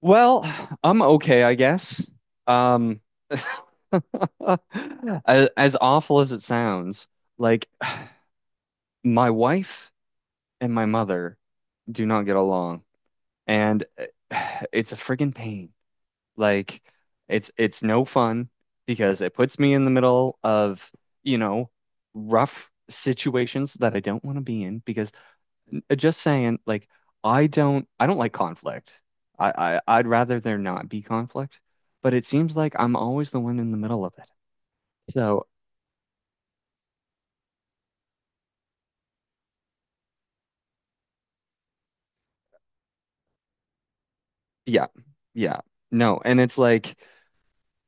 Well, I'm okay, I guess. Um, as awful as it sounds, like my wife and my mother do not get along, and it's a friggin' pain. Like, it's no fun because it puts me in the middle of, you know, rough situations that I don't want to be in because just saying, like, I don't like conflict. I'd rather there not be conflict, but it seems like I'm always the one in the middle of it. So yeah, yeah, no, and it's like,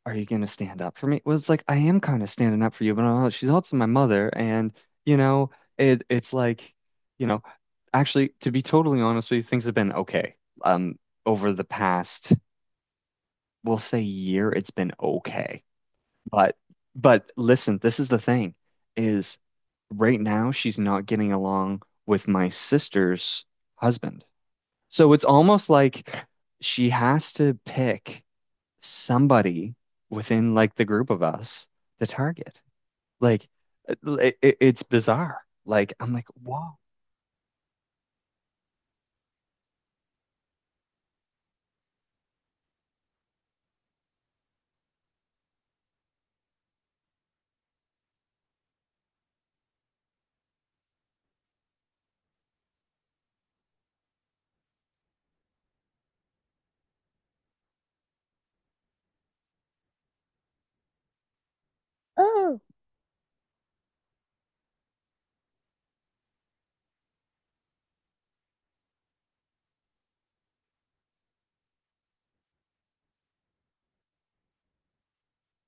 are you gonna stand up for me? Well, it's like I am kind of standing up for you, but she's also my mother, and you know, it's like, you know, actually, to be totally honest with you, things have been okay. Um, over the past, we'll say year, it's been okay. But but listen, this is the thing is right now she's not getting along with my sister's husband. So it's almost like she has to pick somebody within like the group of us to target. Like it's bizarre. Like I'm like, whoa. Oh,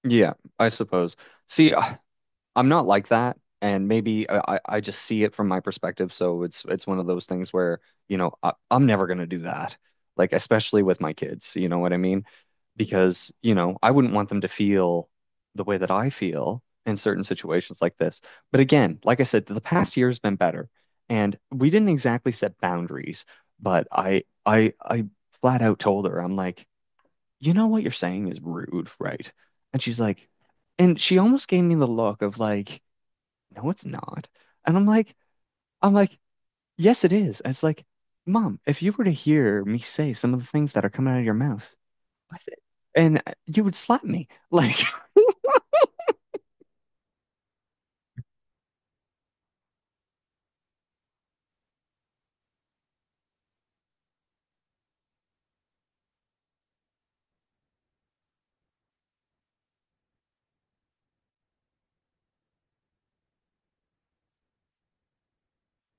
yeah, I suppose. See, I'm not like that, and maybe I just see it from my perspective. So it's one of those things where, you know, I'm never gonna do that. Like especially with my kids, you know what I mean? Because, you know, I wouldn't want them to feel the way that I feel in certain situations like this. But again, like I said, the past year has been better, and we didn't exactly set boundaries, but I flat out told her, I'm like, you know what you're saying is rude, right? And she's like, and she almost gave me the look of like, no, it's not. And I'm like, I'm like, yes, it is. And it's like, Mom, if you were to hear me say some of the things that are coming out of your mouth, I th- and you would slap me. Like,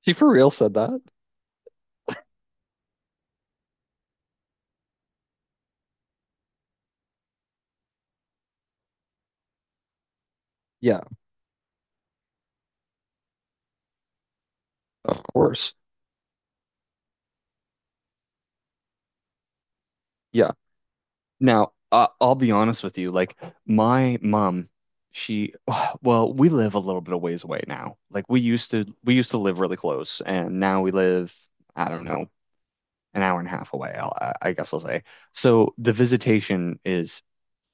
She for real said that? Yeah, of course. Yeah. Now, I I'll be honest with you. Like, my mom, she, well, we live a little bit of ways away now. Like, we used to live really close, and now we live, I don't know, an hour and a half away, I guess I'll say. So the visitation is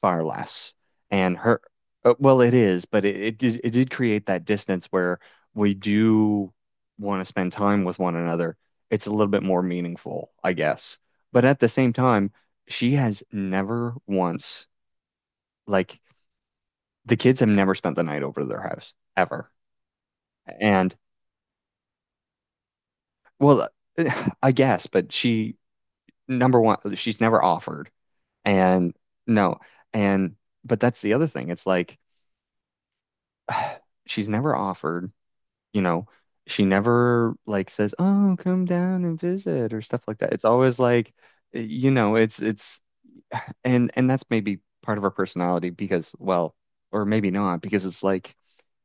far less, and well, it is, but it did it did create that distance where we do want to spend time with one another. It's a little bit more meaningful, I guess. But at the same time, she has never once like the kids have never spent the night over to their house ever, and well, I guess, but she number one, she's never offered. And no, and but that's the other thing. It's like she's never offered, you know, she never like says, "Oh, come down and visit" or stuff like that. It's always like, you know, it's and that's maybe part of her personality because, well, or maybe not because it's like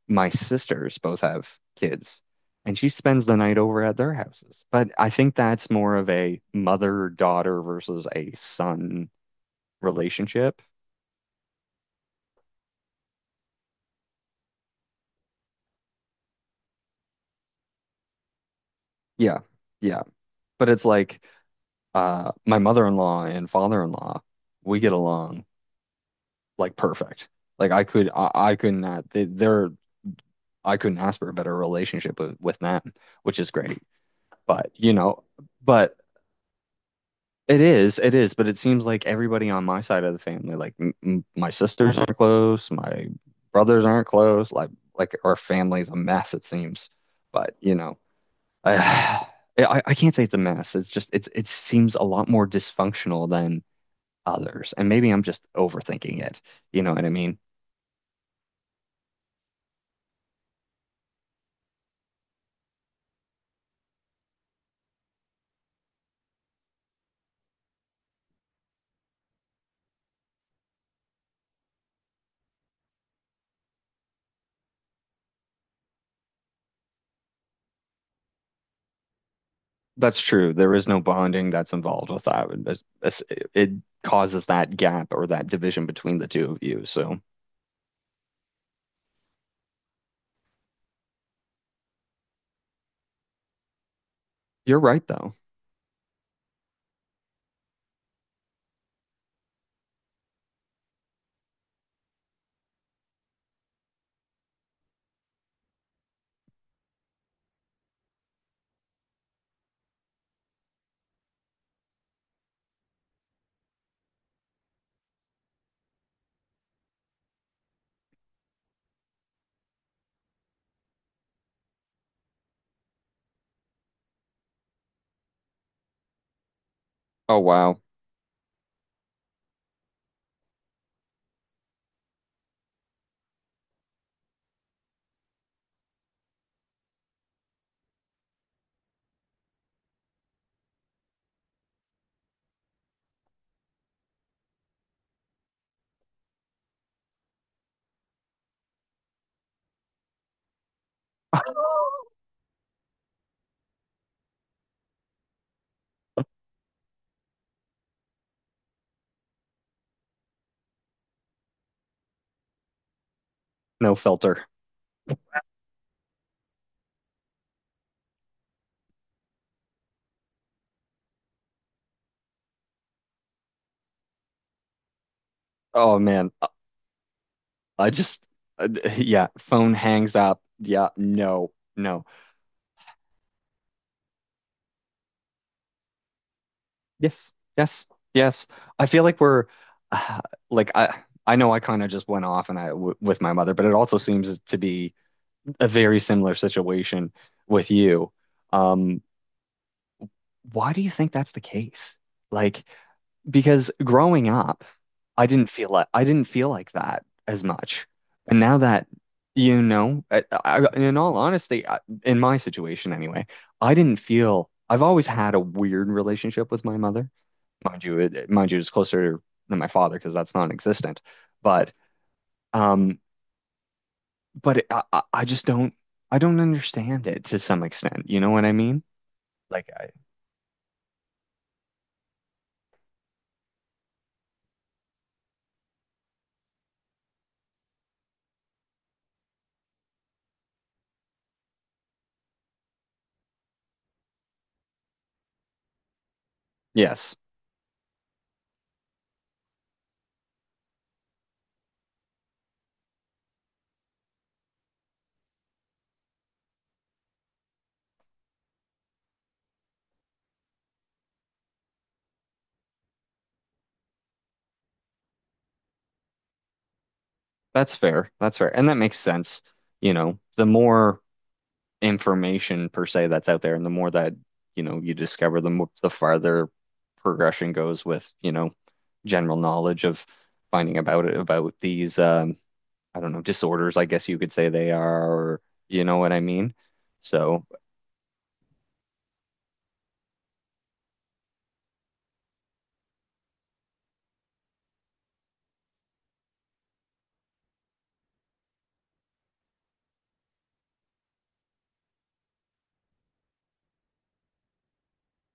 my sisters both have kids and she spends the night over at their houses. But I think that's more of a mother-daughter versus a son relationship. Yeah. Yeah. But it's like my mother-in-law and father-in-law, we get along like perfect. Like I could not they're I couldn't ask for a better relationship with them, which is great. But you know, but it is, but it seems like everybody on my side of the family, like m m my sisters aren't close, my brothers aren't close, like our family's a mess it seems. But you know, I I can't say it's a mess. It's just it seems a lot more dysfunctional than others. And maybe I'm just overthinking it. You know what I mean? That's true. There is no bonding that's involved with that. It's- it causes that gap or that division between the two of you. So you're right, though. Oh, wow. No filter. Oh, man. I just, uh, yeah, phone hangs up. Yeah, no, no. Yes, yes, yes. I feel like uh, like, I know I kind of just went off and I w with my mother, but it also seems to be a very similar situation with you. Um, why do you think that's the case? Like, because growing up, I didn't feel like that as much. And now that you know, in all honesty, I, in my situation anyway, I didn't feel I've always had a weird relationship with my mother. Mind you, mind you, it's closer than my father because that's non-existent. But um, but I just don't I don't understand it to some extent. You know what I mean? Like I, Yes, that's fair. That's fair. And that makes sense. You know, the more information per se that's out there and the more that, you know, you discover, the more the farther progression goes with, you know, general knowledge of finding about it, about these I don't know, disorders, I guess you could say they are, or you know what I mean? So,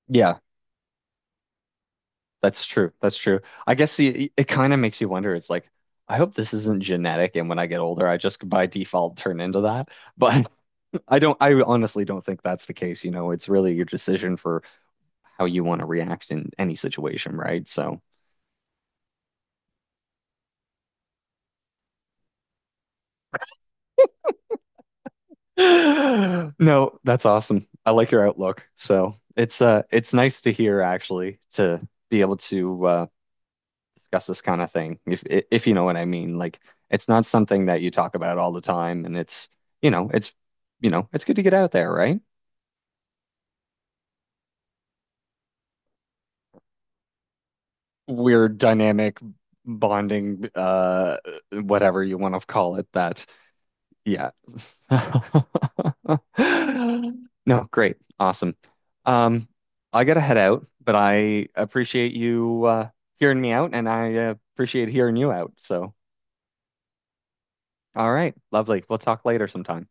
yeah, that's true. That's true. I guess it kind of makes you wonder. It's like, I hope this isn't genetic and when I get older, I just by default turn into that. But I don't, I honestly don't think that's the case. You know, it's really your decision for how you want to react in any situation, right? So, no, that's awesome. I like your outlook. So it's nice to hear actually to be able to discuss this kind of thing, if you know what I mean. Like, it's not something that you talk about all the time, and it's you know, it's good to get out there, right? Weird dynamic bonding, whatever you want to call it, that Yeah. No, great. Awesome. Um, I gotta head out, but I appreciate you hearing me out and I appreciate hearing you out. So, all right, lovely. We'll talk later sometime.